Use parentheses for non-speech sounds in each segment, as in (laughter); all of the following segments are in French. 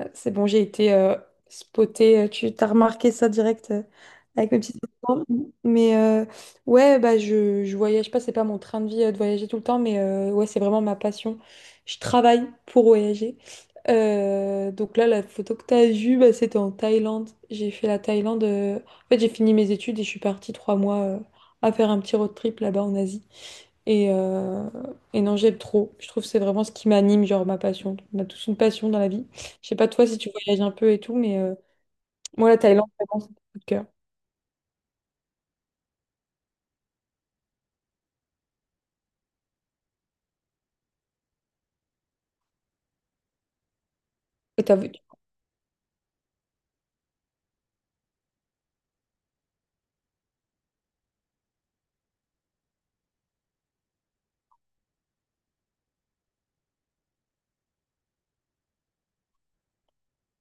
C'est bon, j'ai été spotée. Tu t'as remarqué ça direct avec mes petites enfants. Mais ouais, bah, je voyage pas, c'est pas mon train de vie de voyager tout le temps, mais ouais, c'est vraiment ma passion. Je travaille pour voyager. Donc là, la photo que t'as vue, bah, c'était en Thaïlande. J'ai fait la Thaïlande. En fait, j'ai fini mes études et je suis partie 3 mois à faire un petit road trip là-bas en Asie. Et, euh, et non, j'aime trop. Je trouve que c'est vraiment ce qui m'anime, genre ma passion. On a tous une passion dans la vie. Je sais pas toi si tu voyages un peu et tout, mais moi la Thaïlande, vraiment, c'est mon coup de cœur. Et t'as vu-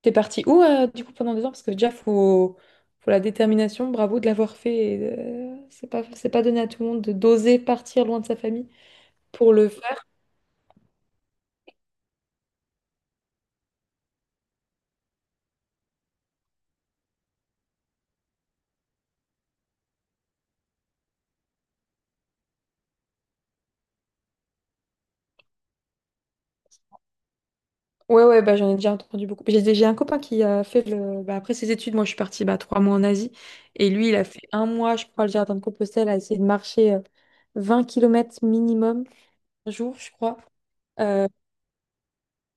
T'es parti où du coup pendant 2 ans? Parce que déjà, faut la détermination, bravo de l'avoir fait. Et, c'est pas donné à tout le monde de d'oser partir loin de sa famille pour le faire. Ouais, ouais, bah, j'en ai déjà entendu beaucoup. J'ai un copain qui a fait le. Bah, après ses études, moi je suis partie bah, 3 mois en Asie. Et lui, il a fait un mois, je crois, le jardin de Compostelle, à essayer de marcher 20 km minimum par jour, je crois. Euh,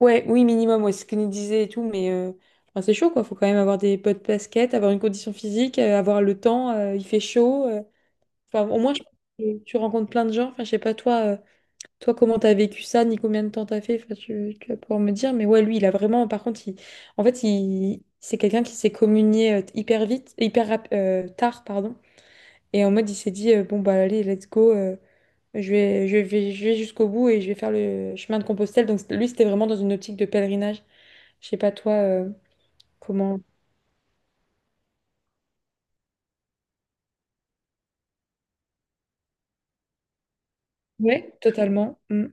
Ouais, oui, minimum, ouais, c'est ce qu'il nous disait et tout, mais enfin, c'est chaud, quoi. Faut quand même avoir des pots de basket, avoir une condition physique, avoir le temps, il fait chaud. Enfin, au moins, je pense que tu rencontres plein de gens. Enfin, je sais pas, toi, comment t'as vécu ça, ni combien de temps t'as fait, enfin, tu vas pouvoir me dire. Mais ouais, lui, il a vraiment, par contre, il, en fait, il, c'est quelqu'un qui s'est communié hyper vite, tard, pardon. Et en mode, il s'est dit, bon, bah, allez, let's go. Je vais jusqu'au bout et je vais faire le chemin de Compostelle. Donc, lui, c'était vraiment dans une optique de pèlerinage. Je sais pas toi comment. Ouais, totalement. Mm.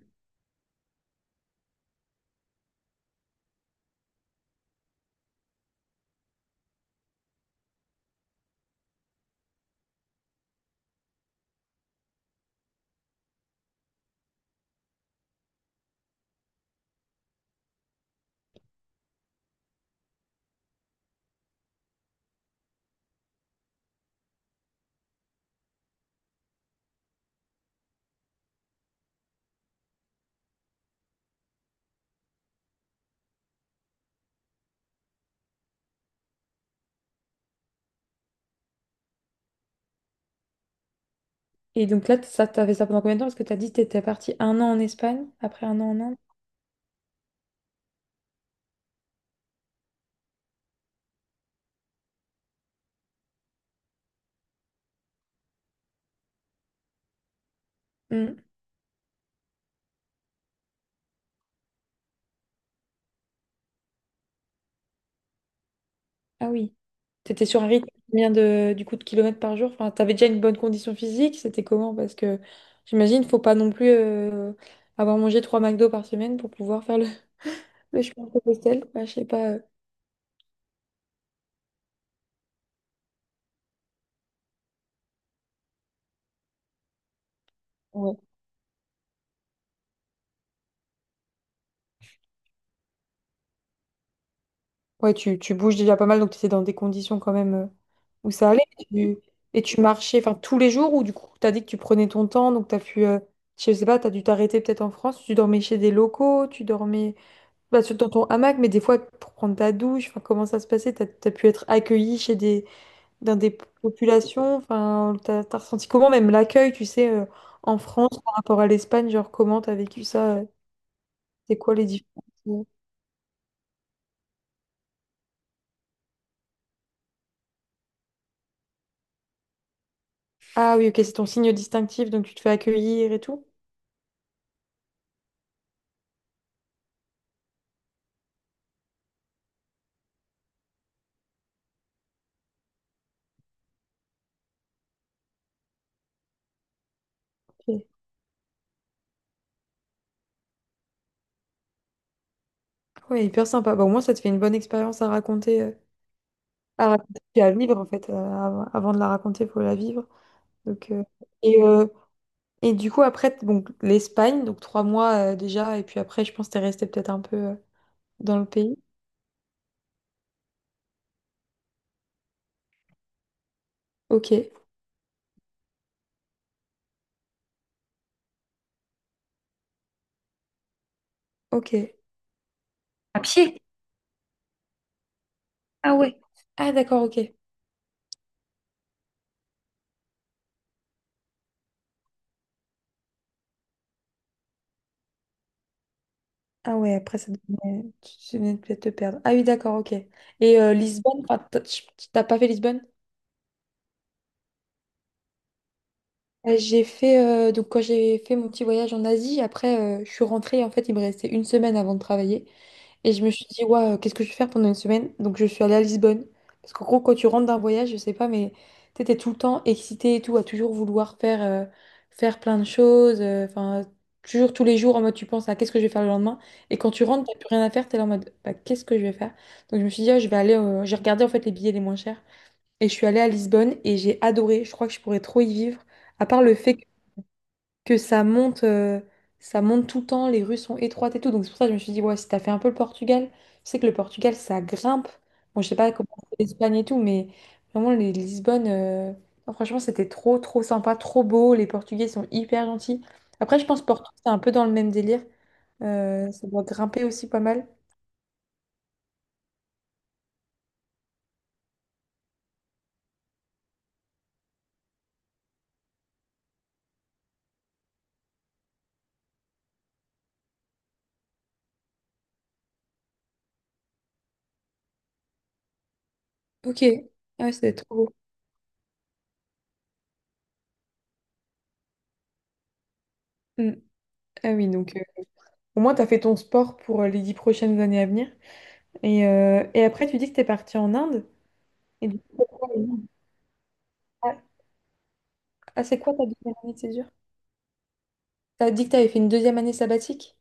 Et donc là, ça, t'as fait ça pendant combien de temps? Parce que t'as dit que t'étais partie un an en Espagne, après un an en Inde. Mm. Ah oui. T'étais sur un rythme de combien de du coup de kilomètres par jour? Enfin, t'avais déjà une bonne condition physique, c'était comment? Parce que j'imagine, faut pas non plus avoir mangé trois McDo par semaine pour pouvoir faire (laughs) le chemin de Compostelle. Enfin, je sais pas. euh. Ouais, tu bouges déjà pas mal, donc tu étais dans des conditions quand même où ça allait. Et tu marchais enfin, tous les jours ou du coup, tu as dit que tu prenais ton temps, donc tu as pu, je sais pas, tu as dû t'arrêter peut-être en France, tu dormais chez des locaux, tu dormais bah, dans ton hamac, mais des fois pour prendre ta douche, enfin, comment ça se passait? Tu as, pu être accueilli dans des populations, enfin, tu as, ressenti comment même l'accueil, tu sais, en France par rapport à l'Espagne, genre comment tu as vécu ça? C'est quoi les différences? euh Ah oui, ok, c'est ton signe distinctif, donc tu te fais accueillir et tout. Ok. Ouais, hyper sympa. Bah, au moins, ça te fait une bonne expérience à raconter, puis à vivre en fait. Avant de la raconter, il faut la vivre. Donc, et, euh, et du coup, après, donc, l'Espagne, donc 3 mois déjà, et puis après, je pense que t'es resté peut-être un peu dans le pays. Ok, ok. À pied? Ah ouais. Ah, d'accord, ok. Ah ouais, après, ça devenait, tu venais de peut-être te perdre. Ah oui, d'accord, ok. Et Lisbonne, enfin, t'as pas fait Lisbonne? J'ai fait Donc quand j'ai fait mon petit voyage en Asie, après je suis rentrée. En fait, il me restait une semaine avant de travailler et je me suis dit: waouh, qu'est-ce que je vais faire pendant une semaine? Donc je suis allée à Lisbonne, parce qu'en gros, quand tu rentres d'un voyage, je sais pas, mais tu étais tout le temps excitée et tout, à toujours vouloir faire plein de choses, enfin, toujours, tous les jours, en mode tu penses à: qu'est-ce que je vais faire le lendemain? Et quand tu rentres, t'as plus rien à faire, t'es là en mode bah, qu'est-ce que je vais faire? Donc je me suis dit: Ah, je vais aller, j'ai regardé en fait les billets les moins chers et je suis allée à Lisbonne et j'ai adoré, je crois que je pourrais trop y vivre, à part le fait que ça monte tout le temps, les rues sont étroites et tout. Donc c'est pour ça que je me suis dit, ouais, si t'as fait un peu le Portugal, je sais que le Portugal, ça grimpe. Bon, je sais pas comment c'est l'Espagne et tout, mais vraiment, non, franchement, c'était trop, trop sympa, trop beau. Les Portugais sont hyper gentils. Après, je pense Porto, c'est un peu dans le même délire. Ça doit grimper aussi pas mal. Ok, ah ouais, c'était trop beau. Mm. Ah oui, donc au moins, t'as fait ton sport pour les 10 prochaines années à venir. Et après, tu dis que t'es parti en Inde. Et du coup, pourquoi en Inde? Ah, ah, c'est quoi ta deuxième année de césure? T'as dit que t'avais fait une deuxième année sabbatique?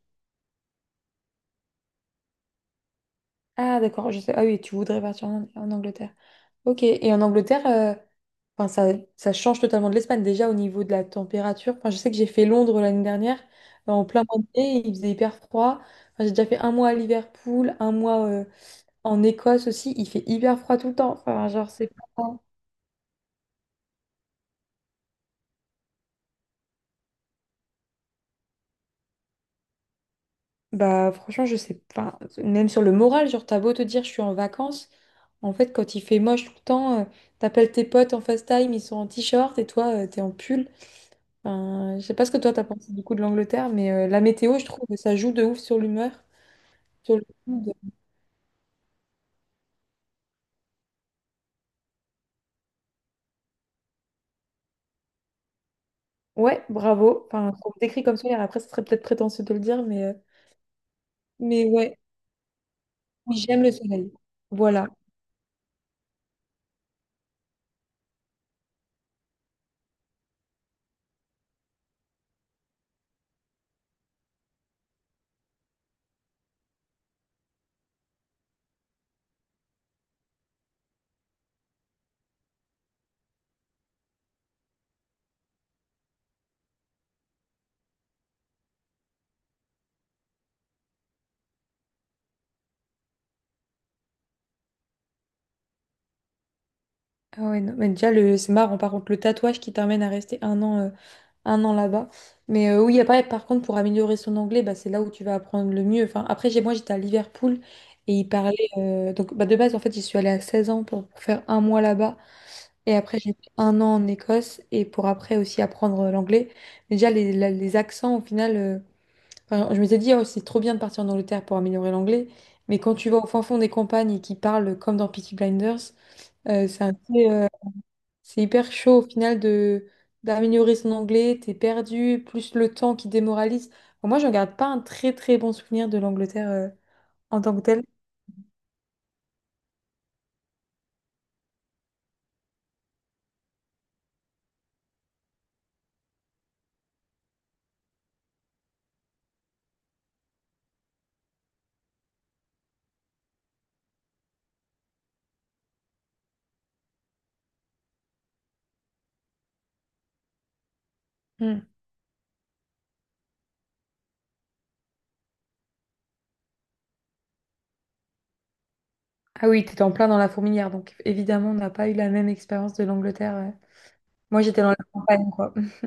Ah, d'accord, je sais. Ah oui, tu voudrais partir en Angleterre. Ok, et en Angleterre, enfin, ça change totalement de l'Espagne, déjà au niveau de la température. Enfin, je sais que j'ai fait Londres l'année dernière, en plein mois de mai, il faisait hyper froid. Enfin, j'ai déjà fait un mois à Liverpool, un mois en Écosse aussi, il fait hyper froid tout le temps. Enfin, genre, c'est pas. Bah franchement, je sais pas. Même sur le moral, genre t'as beau te dire je suis en vacances, en fait quand il fait moche tout le temps, t'appelles tes potes en FaceTime, ils sont en t-shirt et toi t'es en pull. Enfin, je sais pas ce que toi t'as pensé du coup de l'Angleterre, mais la météo, je trouve que ça joue de ouf sur l'humeur, sur le mood. Ouais, bravo. Enfin, on décrit comme ça, après ce serait peut-être prétentieux de le dire, mais ouais, oui j'aime le soleil. Voilà. Ah ouais, non, mais déjà c'est marrant par contre le tatouage qui t'amène à rester un an là-bas. Mais oui, après, par contre, pour améliorer son anglais, bah, c'est là où tu vas apprendre le mieux. Enfin, après, j'étais à Liverpool et ils parlaient. Donc, bah, de base, en fait, j'y suis allée à 16 ans pour faire un mois là-bas. Et après, j'ai fait un an en Écosse et pour après aussi apprendre l'anglais. Mais déjà, les accents, au final, enfin, je m'étais dit, oh, c'est trop bien de partir en Angleterre pour améliorer l'anglais. Mais quand tu vas au fin fond des campagnes et qu'ils parlent comme dans Peaky Blinders, c'est un peu. C'est hyper chaud au final de d'améliorer son anglais, t'es perdu, plus le temps qui démoralise. Bon, moi, je ne garde pas un très très bon souvenir de l'Angleterre en tant que telle. Hmm. Ah oui, t'étais en plein dans la fourmilière, donc évidemment, on n'a pas eu la même expérience de l'Angleterre. Moi, j'étais dans la campagne, quoi. (laughs)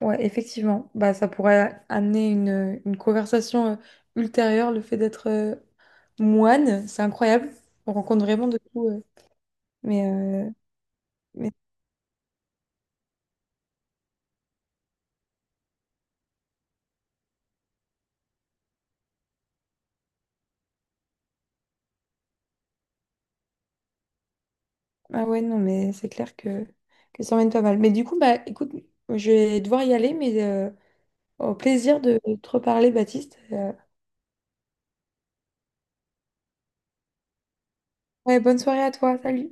Ouais, effectivement, bah, ça pourrait amener une conversation ultérieure, le fait d'être moine, c'est incroyable. On rencontre vraiment de tout. Mais, euh, Ah ouais, non, mais c'est clair que ça emmène pas mal. Mais du coup, bah écoute, je vais devoir y aller, mais au plaisir de te reparler, Baptiste. Ouais, bonne soirée à toi, salut.